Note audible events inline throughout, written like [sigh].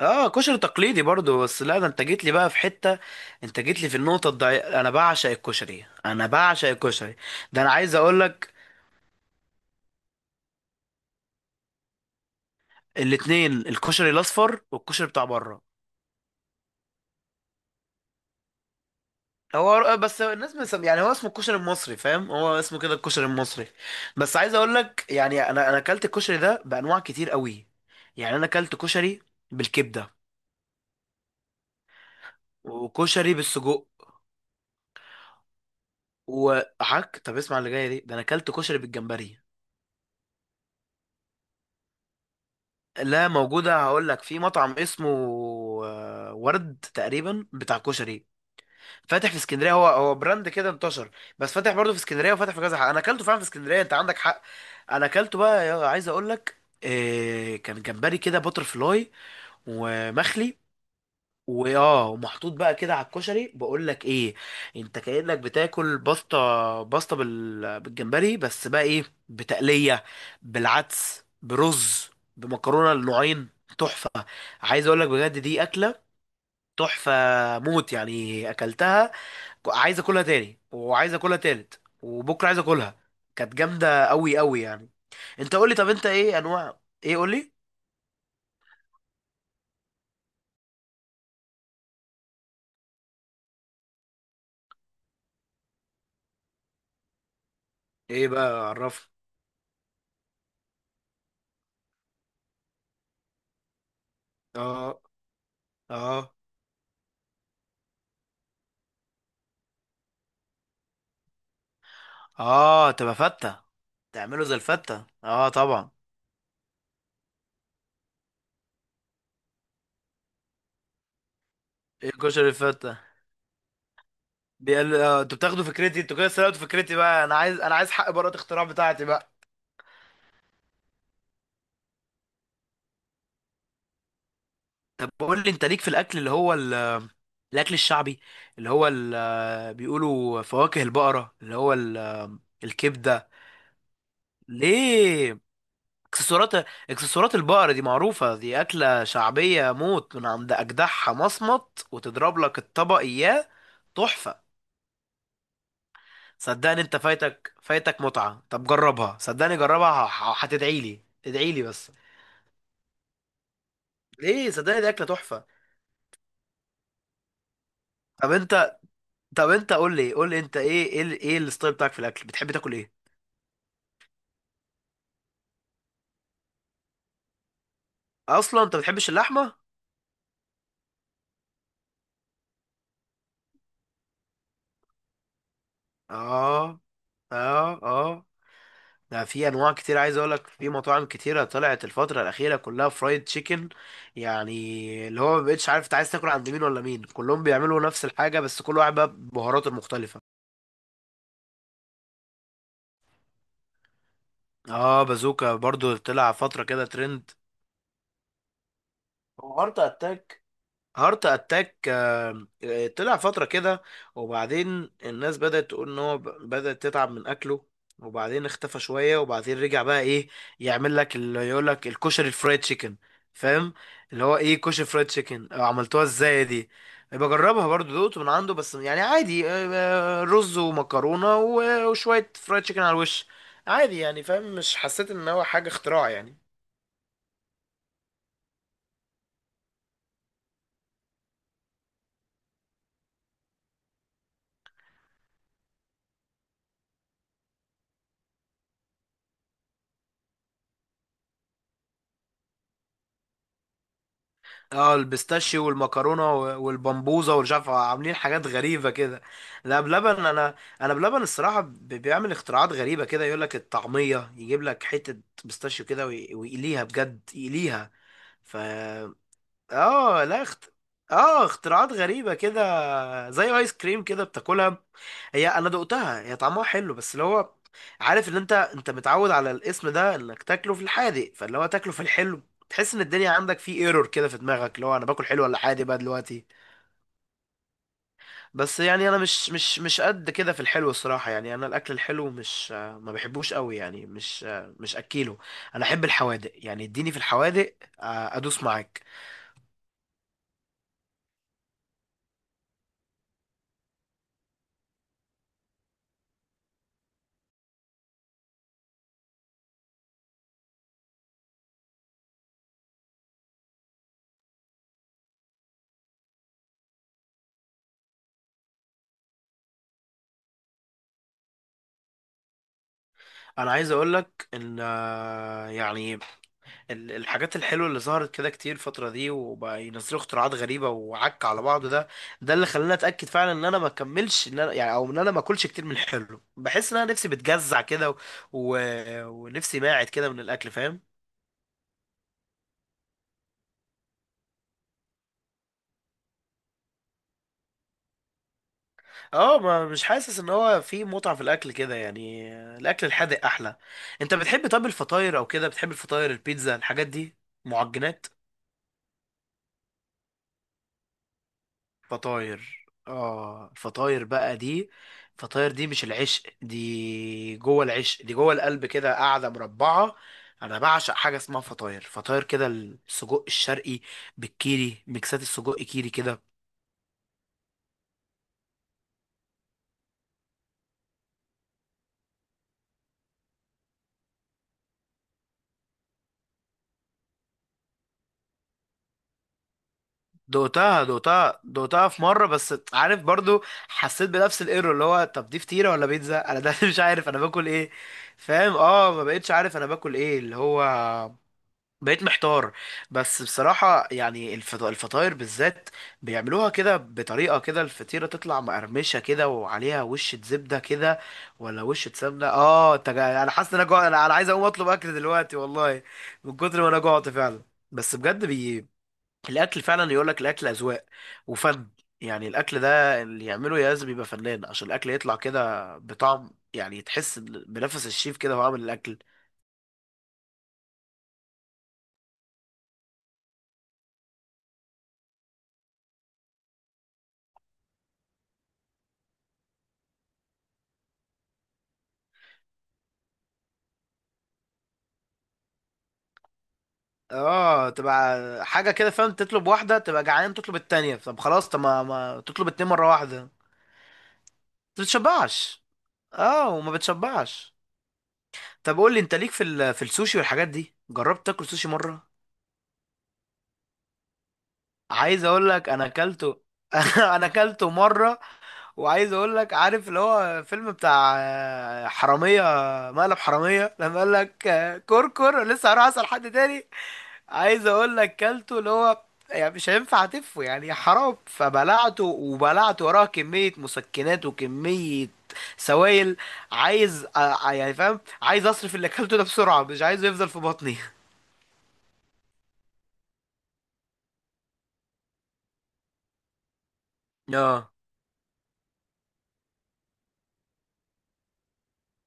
اه، كشري تقليدي برضو. بس لا، ده انت جيت لي بقى في حتة. انت جيت لي في النقطة الضعيفة. انا بعشق الكشري، انا بعشق الكشري. ده انا عايز اقول لك. الاتنين، الكشري الاصفر والكشري بتاع بره. هو بس الناس يعني هو اسمه الكشري المصري، فاهم؟ هو اسمه كده، الكشري المصري. بس عايز اقول لك يعني انا اكلت الكشري ده بانواع كتير قوي. يعني انا اكلت كشري بالكبدة، وكشري بالسجق، وحك طب اسمع اللي جايه دي، ده انا اكلت كشري بالجمبري. لا موجودة، هقول لك في مطعم اسمه ورد تقريبا بتاع كشري، فاتح في اسكندرية. هو هو براند كده انتشر، بس فاتح برضه في اسكندرية وفاتح في كذا حق. انا اكلته فعلا في اسكندرية، انت عندك حق. انا اكلته بقى عايز اقول لك، كان جمبري كده باتر فلاي، ومخلي، واه، ومحطوط بقى كده على الكشري. بقول لك ايه، انت كأنك بتاكل باستا، باستا بالجمبري، بس بقى ايه، بتقلية، بالعدس، برز، بمكرونة النوعين. تحفة. عايز اقول لك بجد، دي اكله تحفه موت. يعني اكلتها، عايز اكلها تاني، وعايز اكلها تالت، وبكره عايز اكلها. كانت جامده قوي قوي يعني. انت قول لي، طب انت ايه، انواع ايه، قول لي. ايه بقى، عرفني. اه. اه. اه، تبقى فته. تعمله زي الفته، اه طبعا. ايه كشري الفته؟ بيقال انتوا بتاخدوا فكرتي، انتوا كده سرقتوا فكرتي بقى، انا عايز، انا عايز حق براءة الاختراع بتاعتي بقى. طب قول لي، انت ليك في الاكل اللي هو الاكل الشعبي؟ اللي هو بيقولوا فواكه البقرة، اللي هو الكبدة. ليه؟ اكسسوارات. اكسسوارات البقرة دي معروفة، دي أكلة شعبية موت، من عند أجدعها مصمت وتضرب لك الطبق إياه. تحفة. صدقني أنت فايتك، فايتك متعة، طب جربها صدقني جربها، هتدعي لي، ادعي لي بس. ليه؟ صدقني دي أكلة تحفة. طب أنت، طب أنت قول لي، قول لي أنت إيه، إيه إيه الستايل بتاعك في الأكل؟ بتحب تاكل إيه؟ أصلا أنت بتحبش اللحمة؟ آه. اه. اه، ده في انواع كتير، عايز اقول لك في مطاعم كتيره طلعت الفتره الاخيره كلها فرايد تشيكن. يعني اللي هو ما بقتش عارف انت عايز تاكل عند مين ولا مين، كلهم بيعملوا نفس الحاجه، بس كل واحد بقى ببهاراته المختلفه. اه بازوكا برضو طلع فتره كده ترند. هو هارت اتاك، هارت اتاك، طلع فترة كده، وبعدين الناس بدأت تقول ان بدأت تتعب من اكله، وبعدين اختفى شوية، وبعدين رجع بقى ايه، يعمل لك اللي يقول لك الكشري الفرايد تشيكن. فاهم؟ اللي هو ايه كشري فرايد تشيكن، أو عملتوها ازاي دي. بجربها برضو، دقت من عنده بس يعني عادي، رز ومكرونة وشوية فرايد تشيكن على الوش، عادي يعني. فاهم؟ مش حسيت ان هو حاجة اختراع يعني. اه البيستاشيو والمكرونه والبمبوزه ومش عارف، عاملين حاجات غريبه كده. لا بلبن، انا انا بلبن الصراحه بيعمل اختراعات غريبه كده، يقول لك الطعميه يجيب لك حته بيستاشيو كده، ويقليها بجد يقليها. ف اه لا اه اختراعات غريبة كده، زي ايس كريم كده بتاكلها. هي انا دقتها، هي طعمها حلو، بس اللي هو عارف ان انت، انت متعود على الاسم ده انك تاكله في الحادق، فاللي هو تاكله في الحلو، تحس ان الدنيا عندك في ايرور كده في دماغك، اللي هو انا باكل حلو ولا حادق بقى دلوقتي. بس يعني انا مش قد كده في الحلو الصراحة. يعني انا الاكل الحلو مش آه، ما بحبوش قوي، يعني مش اكيله. انا احب الحوادق، يعني اديني في الحوادق ادوس معاك. انا عايز اقول لك ان يعني الحاجات الحلوه اللي ظهرت كده كتير الفتره دي، وبقى ينزلوا اختراعات غريبه وعك على بعض، ده ده اللي خلاني اتاكد فعلا ان انا ما اكملش، ان انا يعني، او ان انا ما اكلش كتير من الحلو. بحس ان انا نفسي بتجزع كده، و... و... ونفسي ماعد كده من الاكل، فاهم؟ اه، ما مش حاسس ان هو في متعه في الاكل كده يعني. الاكل الحادق احلى. انت بتحب طب الفطاير او كده؟ بتحب الفطاير، البيتزا، الحاجات دي، معجنات؟ فطاير، اه، الفطاير بقى دي، الفطاير دي مش العشق، دي جوه العشق، دي جوه القلب كده قاعده مربعه. انا بعشق حاجه اسمها فطاير، فطاير كده السجق الشرقي بالكيري، ميكسات السجق كيري كده. دقتها دقتها دقتها في مره، بس عارف برضو حسيت بنفس الايرور، اللي هو طب دي فطيره ولا بيتزا انا ده، [laughs] مش عارف انا باكل ايه. فاهم؟ اه ما بقتش عارف انا باكل ايه، اللي هو بقيت محتار. بس بصراحة يعني الفطاير بالذات بيعملوها كده بطريقة، كده الفطيرة تطلع مقرمشة كده، وعليها وشة زبدة كده ولا وشة سمنة. اه انت انا حاسس ان انا جوع، انا أنا عايز اقوم اطلب اكل دلوقتي والله، من كتر ما انا جوعت فعلا. بس بجد الاكل فعلا، يقول لك الاكل اذواق وفن. يعني الاكل ده اللي يعمله لازم يبقى فنان، عشان الاكل يطلع كده بطعم، يعني تحس إن بنفس الشيف كده هو عامل الاكل. اه تبقى حاجه كده، فاهم؟ تطلب واحده تبقى جعان، تطلب التانية. طب خلاص، طب ما تطلب اتنين مره واحده، ما بتشبعش. اه وما بتشبعش. طب قول لي انت ليك في في السوشي والحاجات دي، جربت تاكل سوشي مره؟ عايز اقول لك انا اكلته. [laughs] انا اكلته مره، وعايز اقول لك، عارف اللي هو فيلم بتاع حراميه، مقلب حراميه، لما قال لك كركر لسه هروح اسال حد تاني؟ عايز اقول لك كلته، اللي هو يعني مش هينفع تفه يعني حرام، فبلعته، وبلعت وراه كمية مسكنات وكمية سوائل. عايز يعني، فاهم، عايز اصرف اللي اكلته ده بسرعة، مش عايزه يفضل في بطني. اه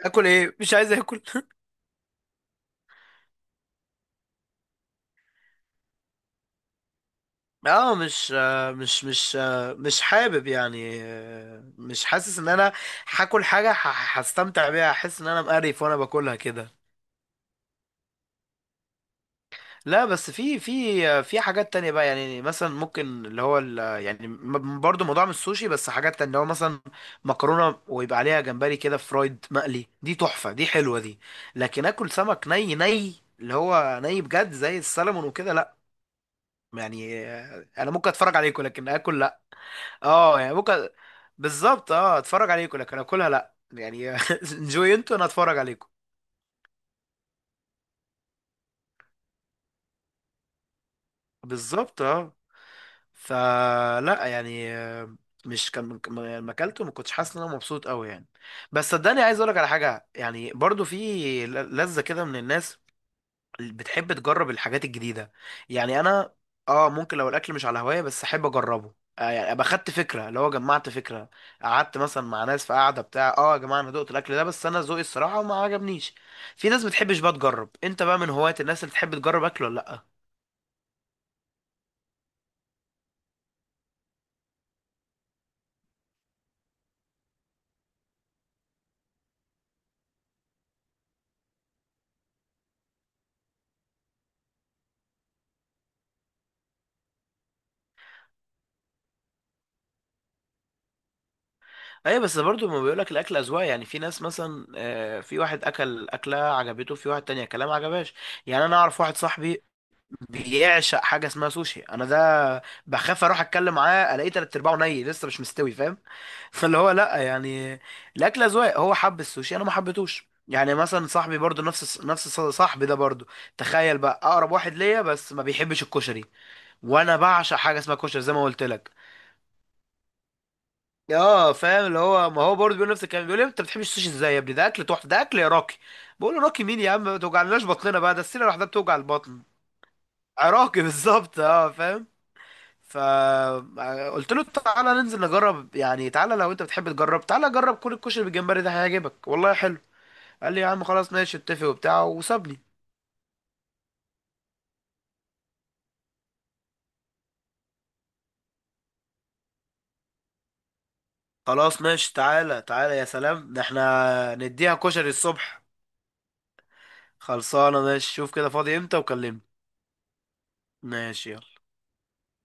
اكل ايه، مش عايز اكل. [laughs] اه مش حابب يعني، مش حاسس ان انا هاكل حاجة هستمتع بيها، احس ان انا مقرف وانا باكلها كده. لا بس في في حاجات تانية بقى، يعني مثلا ممكن اللي هو يعني برضو موضوع من السوشي، بس حاجات تانية اللي هو مثلا مكرونة ويبقى عليها جمبري كده فرايد مقلي، دي تحفة، دي حلوة دي. لكن اكل سمك ني، ني، اللي هو ني بجد زي السلمون وكده، لا. يعني انا ممكن اتفرج عليكم، لكن اكل لا. اه يعني ممكن، بالظبط اه، اتفرج عليكم لكن اكلها لا يعني. [laughs] انجوي انتوا، انا اتفرج عليكم. بالظبط اه. فلا يعني آه، مش كان لما اكلته ما كنتش حاسس ان انا مبسوط قوي يعني. بس صدقني عايز اقول لك على حاجه، يعني برضو في لذه كده من الناس اللي بتحب تجرب الحاجات الجديده. يعني انا اه ممكن لو الاكل مش على هوايه، بس احب اجربه. آه يعني ابقى خدت فكره، اللي هو جمعت فكره. قعدت مثلا مع ناس في قعده بتاع، اه يا جماعه انا دقت الاكل ده، بس انا ذوقي الصراحه ما عجبنيش. في ناس بتحبش بقى تجرب. انت بقى من هوايه الناس اللي تحب تجرب اكل ولا لا؟ ايوه بس برضو ما بيقولك الاكل اذواق، يعني في ناس مثلا في واحد اكل اكله عجبته، في واحد تانية كلام عجبهاش. يعني انا اعرف واحد صاحبي بيعشق حاجه اسمها سوشي، انا ده بخاف اروح اتكلم معاه الاقيه تلات ارباعه ني لسه مش مستوي، فاهم؟ [laughs] فاللي هو لا يعني، الاكل اذواق، هو حب السوشي، انا ما حبيتهوش. يعني مثلا صاحبي برضو، نفس صاحبي ده برضو، تخيل بقى اقرب واحد ليا، بس ما بيحبش الكشري، وانا بعشق حاجه اسمها كشري زي ما قلت لك. اه فاهم، اللي هو ما هو برضه بيقول نفس الكلام، بيقول لي انت بتحبش السوشي ازاي يا ابني، ده اكل تحفه، ده اكل عراقي. بقول له راقي مين يا عم، ما توجعناش بطننا بقى، ده السيره لوحدها بتوجع البطن. عراقي. [laughs] بالظبط اه، فاهم. فقلت له تعالى ننزل نجرب، يعني تعالى لو انت بتحب تجرب، تعالى جرب كل الكشري بالجمبري ده، هيعجبك والله حلو. قال لي يا عم خلاص ماشي، اتفق وبتاع وسابني. خلاص ماشي، تعالى تعالى، يا سلام، ده احنا نديها كشري الصبح. خلصانه ماشي، شوف كده فاضي امتى وكلمني. ماشي.